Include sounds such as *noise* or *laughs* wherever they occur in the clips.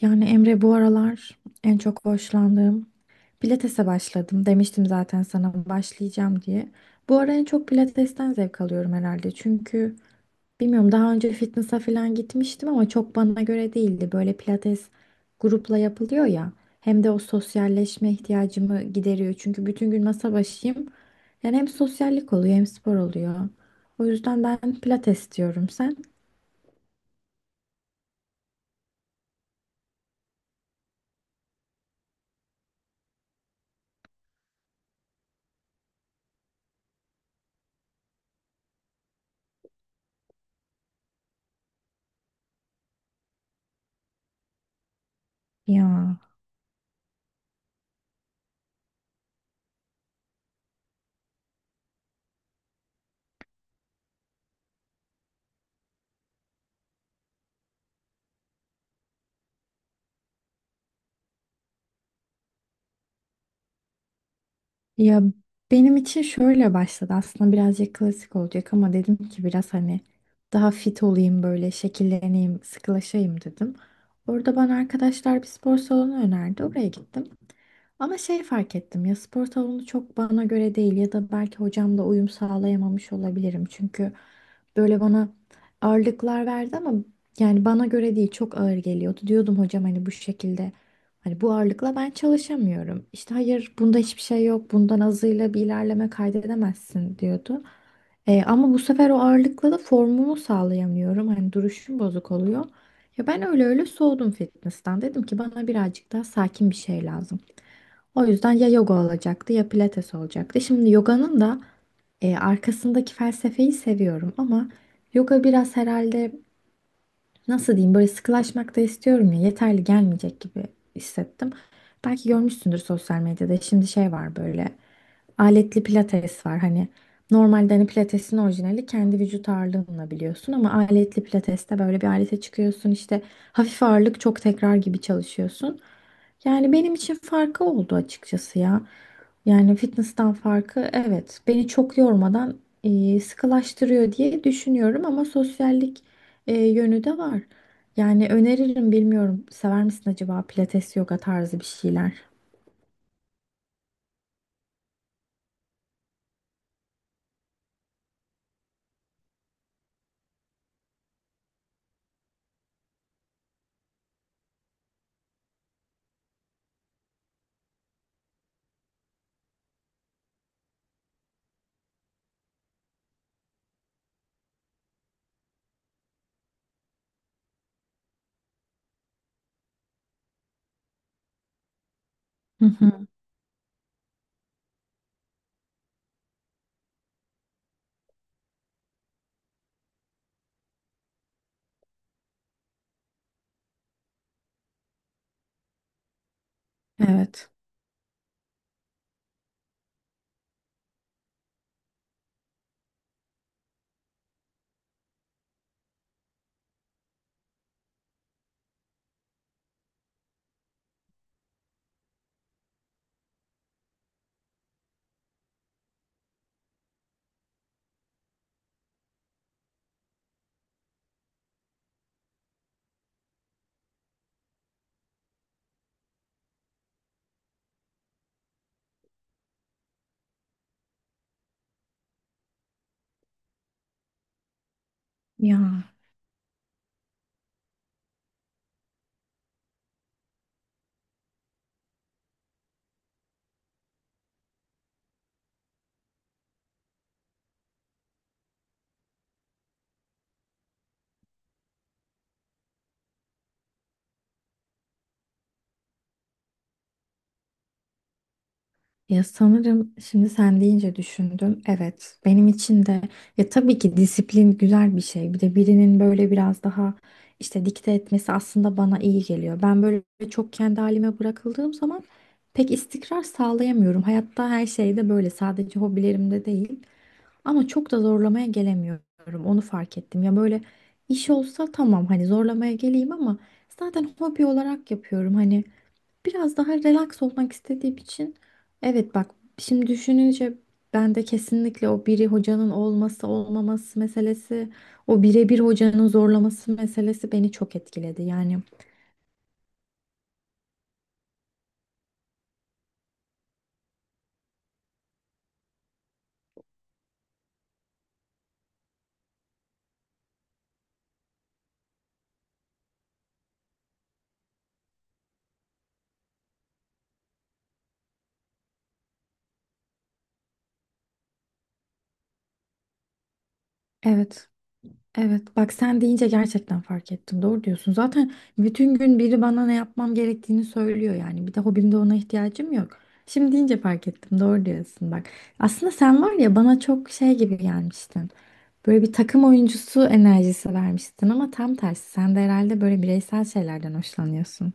Yani Emre bu aralar en çok hoşlandığım pilatese başladım. Demiştim zaten sana başlayacağım diye. Bu ara en çok pilatesten zevk alıyorum herhalde. Çünkü bilmiyorum daha önce fitness'a falan gitmiştim ama çok bana göre değildi. Böyle pilates grupla yapılıyor ya. Hem de o sosyalleşme ihtiyacımı gideriyor. Çünkü bütün gün masa başıyım. Yani hem sosyallik oluyor hem spor oluyor. O yüzden ben pilates diyorum sen. Ya. Ya benim için şöyle başladı aslında birazcık klasik olacak ama dedim ki biraz hani daha fit olayım böyle şekilleneyim sıkılaşayım dedim. Orada bana arkadaşlar bir spor salonu önerdi oraya gittim. Ama şey fark ettim ya spor salonu çok bana göre değil ya da belki hocamla uyum sağlayamamış olabilirim. Çünkü böyle bana ağırlıklar verdi ama yani bana göre değil çok ağır geliyordu. Diyordum hocam hani bu şekilde hani bu ağırlıkla ben çalışamıyorum. İşte hayır bunda hiçbir şey yok bundan azıyla bir ilerleme kaydedemezsin diyordu. Ama bu sefer o ağırlıkla da formumu sağlayamıyorum. Hani duruşum bozuk oluyor. Ya ben öyle öyle soğudum fitness'tan. Dedim ki bana birazcık daha sakin bir şey lazım. O yüzden ya yoga olacaktı ya pilates olacaktı. Şimdi yoganın da arkasındaki felsefeyi seviyorum ama yoga biraz herhalde nasıl diyeyim böyle sıkılaşmak da istiyorum ya yeterli gelmeyecek gibi hissettim. Belki görmüşsündür sosyal medyada şimdi şey var böyle aletli pilates var hani normalde hani pilatesin orijinali kendi vücut ağırlığınla biliyorsun ama aletli pilateste böyle bir alete çıkıyorsun işte hafif ağırlık çok tekrar gibi çalışıyorsun. Yani benim için farkı oldu açıkçası ya. Yani fitness'tan farkı evet beni çok yormadan sıkılaştırıyor diye düşünüyorum ama sosyallik yönü de var. Yani öneririm bilmiyorum. Sever misin acaba pilates yoga tarzı bir şeyler? Hı hı. Evet. Ya ya sanırım şimdi sen deyince düşündüm. Evet, benim için de ya tabii ki disiplin güzel bir şey. Bir de birinin böyle biraz daha işte dikte etmesi aslında bana iyi geliyor. Ben böyle çok kendi halime bırakıldığım zaman pek istikrar sağlayamıyorum. Hayatta her şeyde böyle sadece hobilerimde değil. Ama çok da zorlamaya gelemiyorum. Onu fark ettim. Ya böyle iş olsa tamam hani zorlamaya geleyim ama zaten hobi olarak yapıyorum. Hani biraz daha relax olmak istediğim için evet bak şimdi düşününce ben de kesinlikle o biri hocanın olması olmaması meselesi, o birebir hocanın zorlaması meselesi beni çok etkiledi. Yani evet. Evet, bak sen deyince gerçekten fark ettim. Doğru diyorsun. Zaten bütün gün biri bana ne yapmam gerektiğini söylüyor yani. Bir de hobimde ona ihtiyacım yok. Şimdi deyince fark ettim. Doğru diyorsun bak. Aslında sen var ya bana çok şey gibi gelmiştin. Böyle bir takım oyuncusu enerjisi vermiştin ama tam tersi. Sen de herhalde böyle bireysel şeylerden hoşlanıyorsun.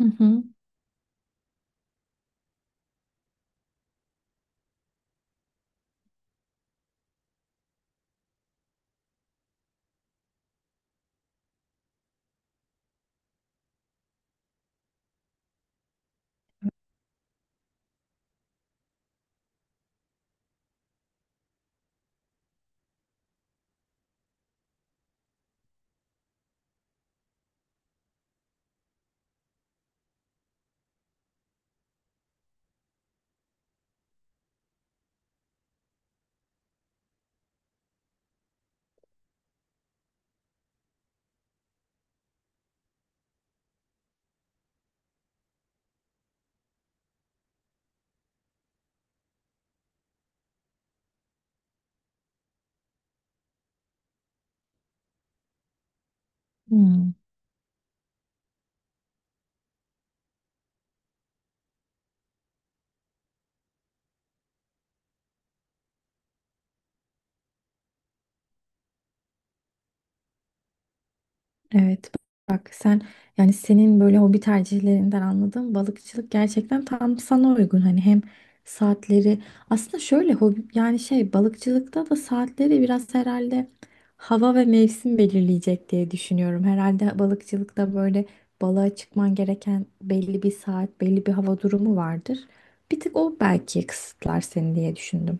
Hı hı. Hmm. Evet bak sen yani senin böyle hobi tercihlerinden anladığım balıkçılık gerçekten tam sana uygun hani hem saatleri aslında şöyle hobi yani şey balıkçılıkta da saatleri biraz herhalde hava ve mevsim belirleyecek diye düşünüyorum. Herhalde balıkçılıkta böyle balığa çıkman gereken belli bir saat belli bir hava durumu vardır. Bir tık o belki kısıtlar seni diye düşündüm.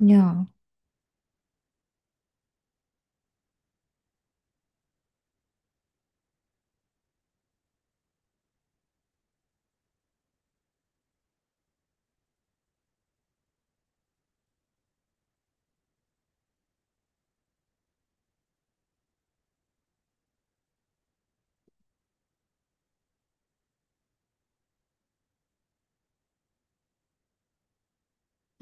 Ya.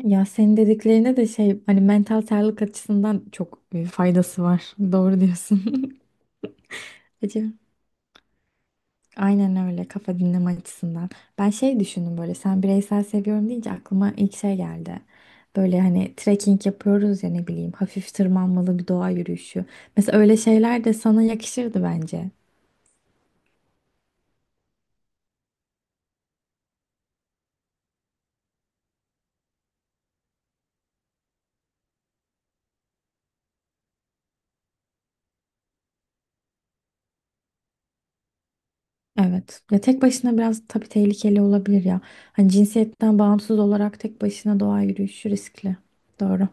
Ya senin dediklerine de şey hani mental sağlık açısından çok faydası var. Doğru diyorsun. *laughs* Acı. Aynen öyle kafa dinleme açısından. Ben şey düşündüm böyle sen bireysel seviyorum deyince aklıma ilk şey geldi. Böyle hani trekking yapıyoruz ya ne bileyim hafif tırmanmalı bir doğa yürüyüşü. Mesela öyle şeyler de sana yakışırdı bence. Evet. Ya tek başına biraz tabii tehlikeli olabilir ya. Hani cinsiyetten bağımsız olarak tek başına doğa yürüyüşü riskli. Doğru.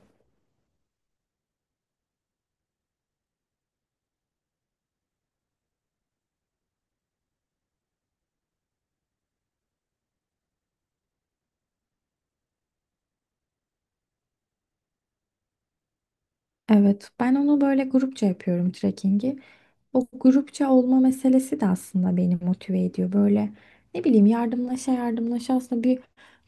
Evet, ben onu böyle grupça yapıyorum trekkingi. O grupça olma meselesi de aslında beni motive ediyor. Böyle ne bileyim yardımlaşa yardımlaşa aslında bir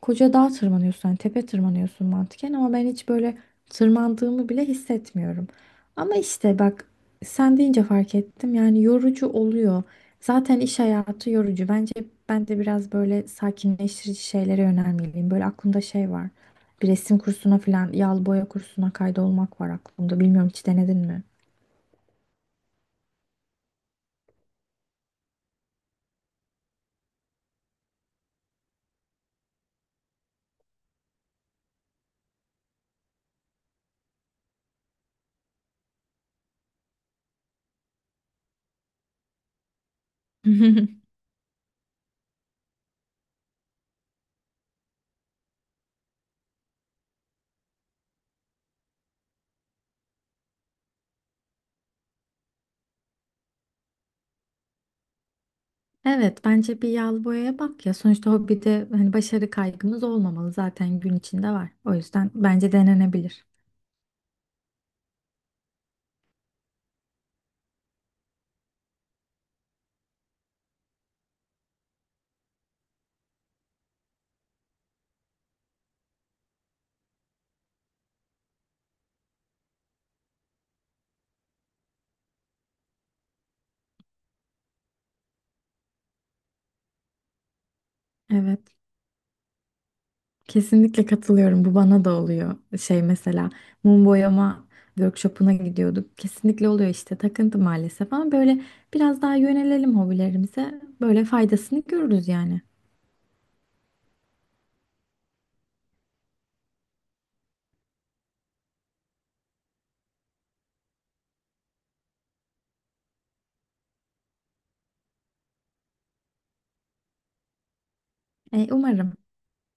koca dağ tırmanıyorsun. Hani tepe tırmanıyorsun mantıken ama ben hiç böyle tırmandığımı bile hissetmiyorum. Ama işte bak sen deyince fark ettim yani yorucu oluyor. Zaten iş hayatı yorucu. Bence ben de biraz böyle sakinleştirici şeylere yönelmeliyim. Böyle aklımda şey var. Bir resim kursuna falan yağlı boya kursuna kaydolmak var aklımda. Bilmiyorum hiç denedin mi? *laughs* Evet, bence bir yağlı boyaya bak ya. Sonuçta hobide hani başarı kaygımız olmamalı zaten gün içinde var. O yüzden bence denenebilir. Evet, kesinlikle katılıyorum. Bu bana da oluyor. Şey mesela mum boyama workshopuna gidiyorduk. Kesinlikle oluyor işte takıntı maalesef ama böyle biraz daha yönelelim hobilerimize. Böyle faydasını görürüz yani. Umarım.